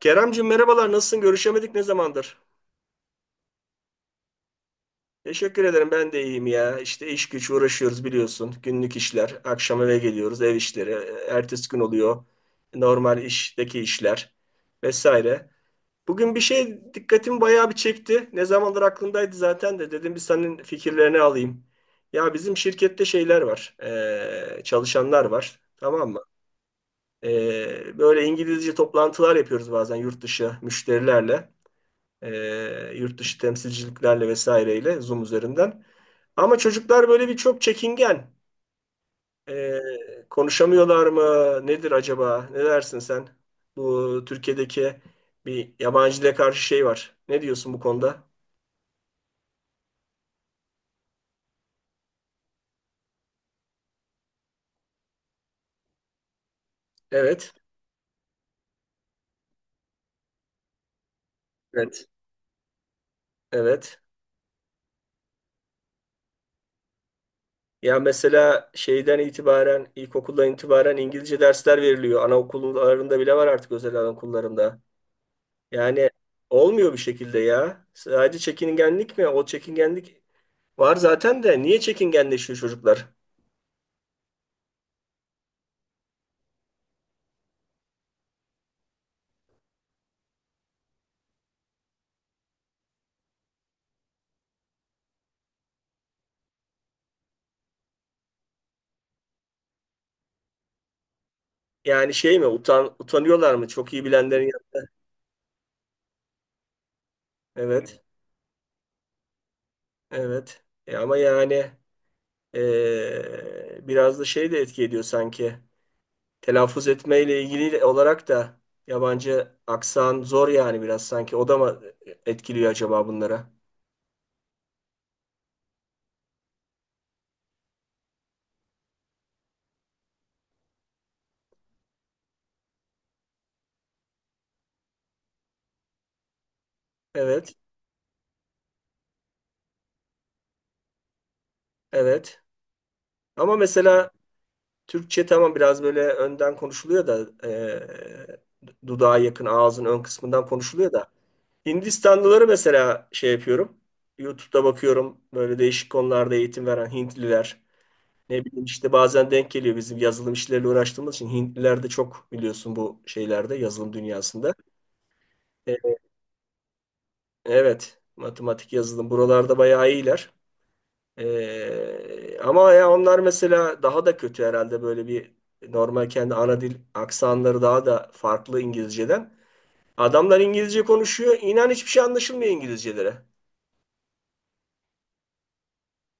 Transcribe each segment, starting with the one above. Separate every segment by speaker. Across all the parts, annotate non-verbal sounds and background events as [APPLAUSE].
Speaker 1: Keremcim merhabalar nasılsın? Görüşemedik ne zamandır? Teşekkür ederim ben de iyiyim ya. İşte iş güç uğraşıyoruz biliyorsun. Günlük işler. Akşam eve geliyoruz ev işleri. Ertesi gün oluyor. Normal işteki işler vesaire. Bugün bir şey dikkatimi bayağı bir çekti. Ne zamandır aklımdaydı zaten de dedim bir senin fikirlerini alayım. Ya bizim şirkette şeyler var. Çalışanlar var. Tamam mı? Böyle İngilizce toplantılar yapıyoruz bazen yurt dışı müşterilerle. Ee, Yurt dışı temsilciliklerle vesaireyle Zoom üzerinden. Ama çocuklar böyle bir çok çekingen. Ee, Konuşamıyorlar mı? Nedir acaba? Ne dersin sen? Bu Türkiye'deki bir yabancı dile karşı şey var. Ne diyorsun bu konuda? Evet. Evet. Evet. Ya mesela şeyden itibaren, ilkokuldan itibaren İngilizce dersler veriliyor. Anaokullarında bile var artık özel anaokullarında. Yani olmuyor bir şekilde ya. Sadece çekingenlik mi? O çekingenlik var zaten de niye çekingenleşiyor çocuklar? Yani şey mi, utanıyorlar mı? Çok iyi bilenlerin Evet. Evet. E ama yani biraz da şey de etki ediyor sanki. Telaffuz etmeyle ilgili olarak da yabancı aksan zor yani biraz sanki. O da mı etkiliyor acaba bunlara? Evet. Evet. Ama mesela Türkçe tamam biraz böyle önden konuşuluyor da dudağa yakın ağzın ön kısmından konuşuluyor da. Hindistanlıları mesela şey yapıyorum. YouTube'da bakıyorum böyle değişik konularda eğitim veren Hintliler. Ne bileyim işte bazen denk geliyor bizim yazılım işleriyle uğraştığımız için Hintliler de çok biliyorsun bu şeylerde yazılım dünyasında. E, evet, matematik yazılım buralarda bayağı iyiler. Ama ya onlar mesela daha da kötü herhalde, böyle bir normal kendi ana dil aksanları daha da farklı İngilizceden. Adamlar İngilizce konuşuyor. İnan hiçbir şey anlaşılmıyor İngilizcelere.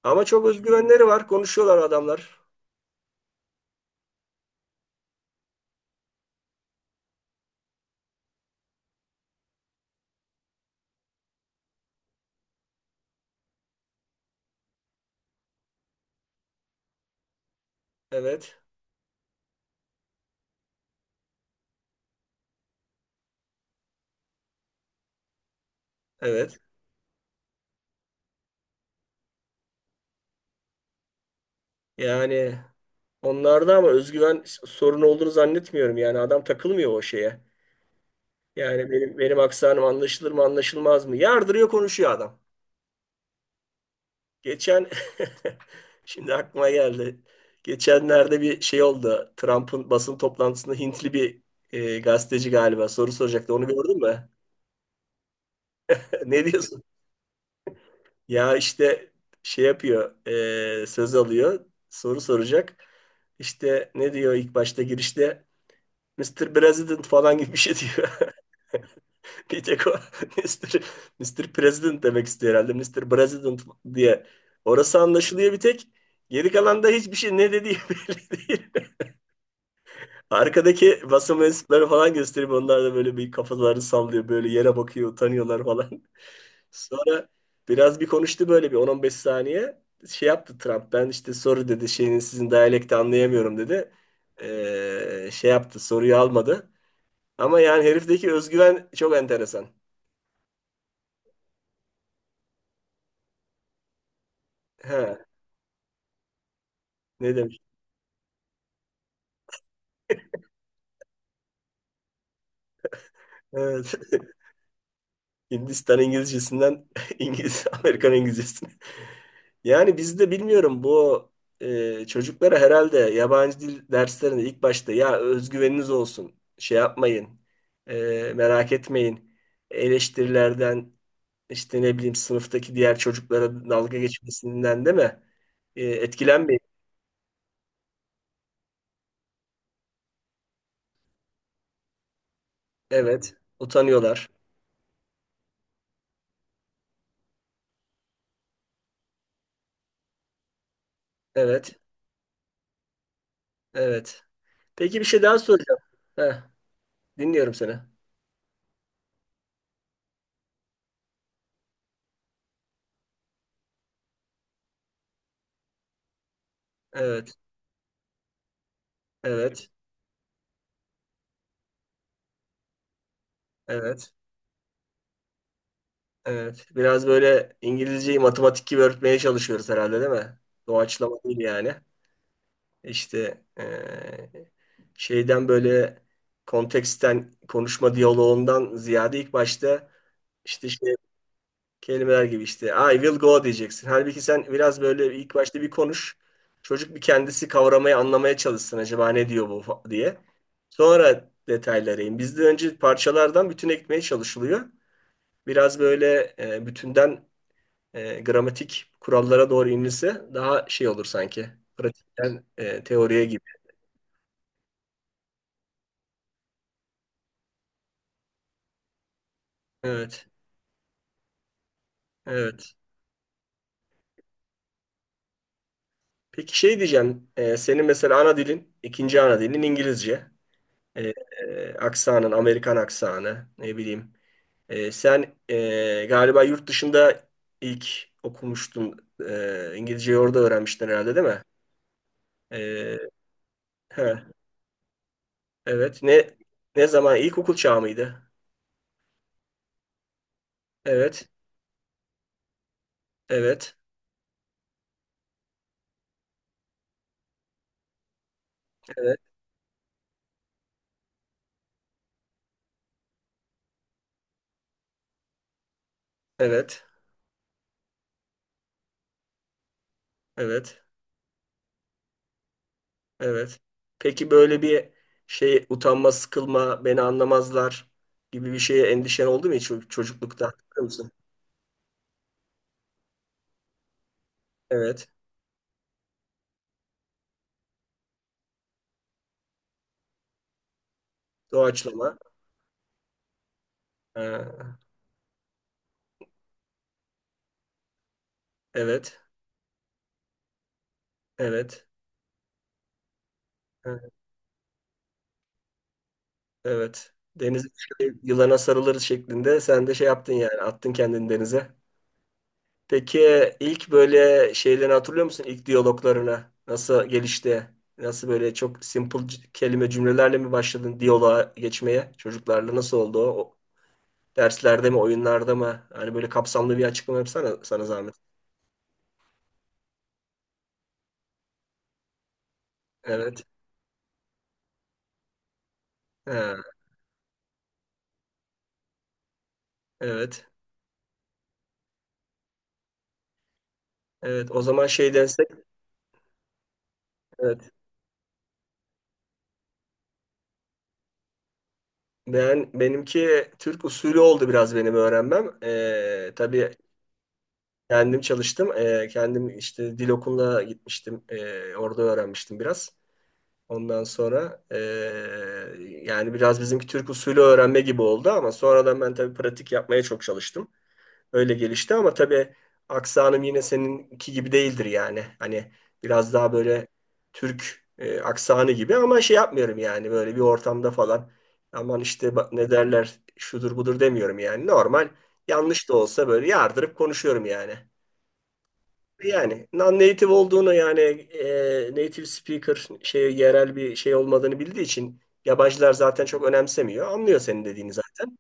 Speaker 1: Ama çok özgüvenleri var. Konuşuyorlar adamlar. Evet. Evet. Yani onlarda ama özgüven sorunu olduğunu zannetmiyorum. Yani adam takılmıyor o şeye. Yani benim aksanım anlaşılır mı anlaşılmaz mı? Yardırıyor konuşuyor adam. Geçen [LAUGHS] şimdi aklıma geldi. Geçenlerde bir şey oldu. Trump'ın basın toplantısında Hintli bir gazeteci galiba soru soracaktı. Onu gördün mü? [LAUGHS] Ne diyorsun? Ya işte şey yapıyor, söz alıyor, soru soracak. İşte ne diyor ilk başta girişte? Mister President falan gibi bir şey diyor. [LAUGHS] Bir tek o [LAUGHS] Mr. Mr. President demek istiyor herhalde. Mister President diye. Orası anlaşılıyor bir tek. Geri kalan da hiçbir şey ne dediği [LAUGHS] belli değil. Arkadaki basın mensupları falan gösterip onlar da böyle bir kafalarını sallıyor. Böyle yere bakıyor, utanıyorlar falan. [LAUGHS] Sonra biraz bir konuştu böyle bir 10-15 saniye. Şey yaptı Trump. Ben işte soru dedi şeyin, sizin diyalekti anlayamıyorum dedi. Şey yaptı, soruyu almadı. Ama yani herifteki özgüven çok enteresan. Ha, ne demiş? Evet. [LAUGHS] Hindistan İngilizcesinden [LAUGHS] İngiliz Amerikan İngilizcesine. Yani biz de bilmiyorum, bu çocuklara herhalde yabancı dil derslerinde ilk başta, ya özgüveniniz olsun, şey yapmayın, merak etmeyin, eleştirilerden işte ne bileyim sınıftaki diğer çocuklara dalga geçmesinden, değil mi? Etkilenmeyin. Evet, utanıyorlar. Evet, evet. Peki bir şey daha soracağım. Heh, dinliyorum seni. Evet, evet, evet. Evet. Biraz böyle İngilizceyi matematik gibi öğretmeye çalışıyoruz herhalde, değil mi? Doğaçlama değil yani. İşte şeyden böyle, konteksten, konuşma diyaloğundan ziyade ilk başta işte şey, kelimeler gibi, işte I will go diyeceksin. Halbuki sen biraz böyle ilk başta bir konuş. Çocuk bir kendisi kavramaya anlamaya çalışsın acaba ne diyor bu diye. Sonra detaylara in. Bizde önce parçalardan bütüne gitmeye çalışılıyor. Biraz böyle bütünden gramatik kurallara doğru inilse daha şey olur sanki. Pratikten teoriye gibi. Evet, evet. Peki şey diyeceğim, senin mesela ana dilin, ikinci ana dilin İngilizce. E, aksanın, Amerikan aksanı, ne bileyim. Sen galiba yurt dışında ilk okumuştun, İngilizceyi orada öğrenmiştin herhalde, değil mi? E, he, evet. Ne zaman? İlkokul çağı mıydı? Evet, evet, evet, evet, evet. Evet. Peki böyle bir şey, utanma, sıkılma, beni anlamazlar gibi bir şeye endişen oldu mu hiç çocuklukta? Hatırlıyor musun? Evet. Doğaçlama. Ha, evet. Evet. Ha, evet. Denize düşelim, yılana sarılırız şeklinde sen de şey yaptın yani, attın kendini denize. Peki ilk böyle şeylerini hatırlıyor musun? İlk diyaloglarına nasıl gelişti? Nasıl böyle çok simple kelime cümlelerle mi başladın diyaloğa geçmeye? Çocuklarla nasıl oldu o? Derslerde mi, oyunlarda mı? Hani böyle kapsamlı bir açıklama yapsana, sana zahmet. Evet. Ha, evet. Evet. O zaman şey densek. Evet. Ben, benimki Türk usulü oldu biraz benim öğrenmem. Tabii kendim çalıştım. Kendim işte dil okuluna gitmiştim. Orada öğrenmiştim biraz. Ondan sonra yani biraz bizimki Türk usulü öğrenme gibi oldu ama sonradan ben tabii pratik yapmaya çok çalıştım. Öyle gelişti ama tabii aksanım yine seninki gibi değildir yani. Hani biraz daha böyle Türk aksanı gibi ama şey yapmıyorum yani böyle bir ortamda falan. Aman işte bak ne derler, şudur budur demiyorum yani. Normal yanlış da olsa böyle yardırıp konuşuyorum yani. Yani non-native olduğunu, yani native speaker, şey, yerel bir şey olmadığını bildiği için yabancılar zaten çok önemsemiyor. Anlıyor senin dediğini zaten.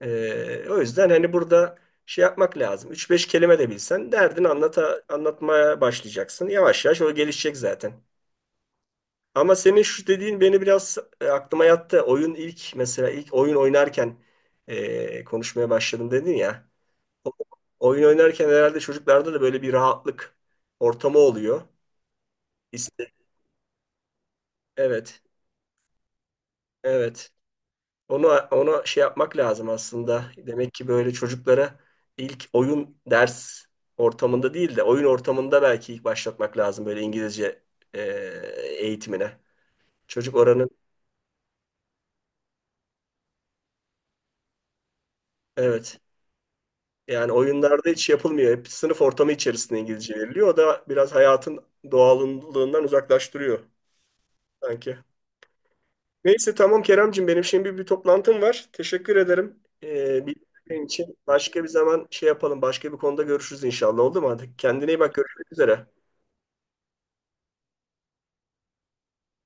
Speaker 1: O yüzden hani burada şey yapmak lazım. Üç beş kelime de bilsen derdini anlatmaya başlayacaksın. Yavaş yavaş o gelişecek zaten. Ama senin şu dediğin beni biraz aklıma yattı. Oyun ilk, mesela ilk oyun oynarken konuşmaya başladım dedin ya. O- Oyun oynarken herhalde çocuklarda da böyle bir rahatlık ortamı oluyor. İşte, evet, evet. Onu, ona şey yapmak lazım aslında. Demek ki böyle çocuklara ilk, oyun ders ortamında değil de oyun ortamında belki ilk başlatmak lazım böyle İngilizce e, eğitimine. Çocuk oranın, evet, yani oyunlarda hiç yapılmıyor. Hep sınıf ortamı içerisinde İngilizce veriliyor. O da biraz hayatın doğallığından uzaklaştırıyor sanki. Neyse, tamam Keremcim, benim şimdi bir toplantım var. Teşekkür ederim. Bilgilerin için, başka bir zaman şey yapalım. Başka bir konuda görüşürüz inşallah, oldu mu? Hadi kendine iyi bak, görüşmek üzere.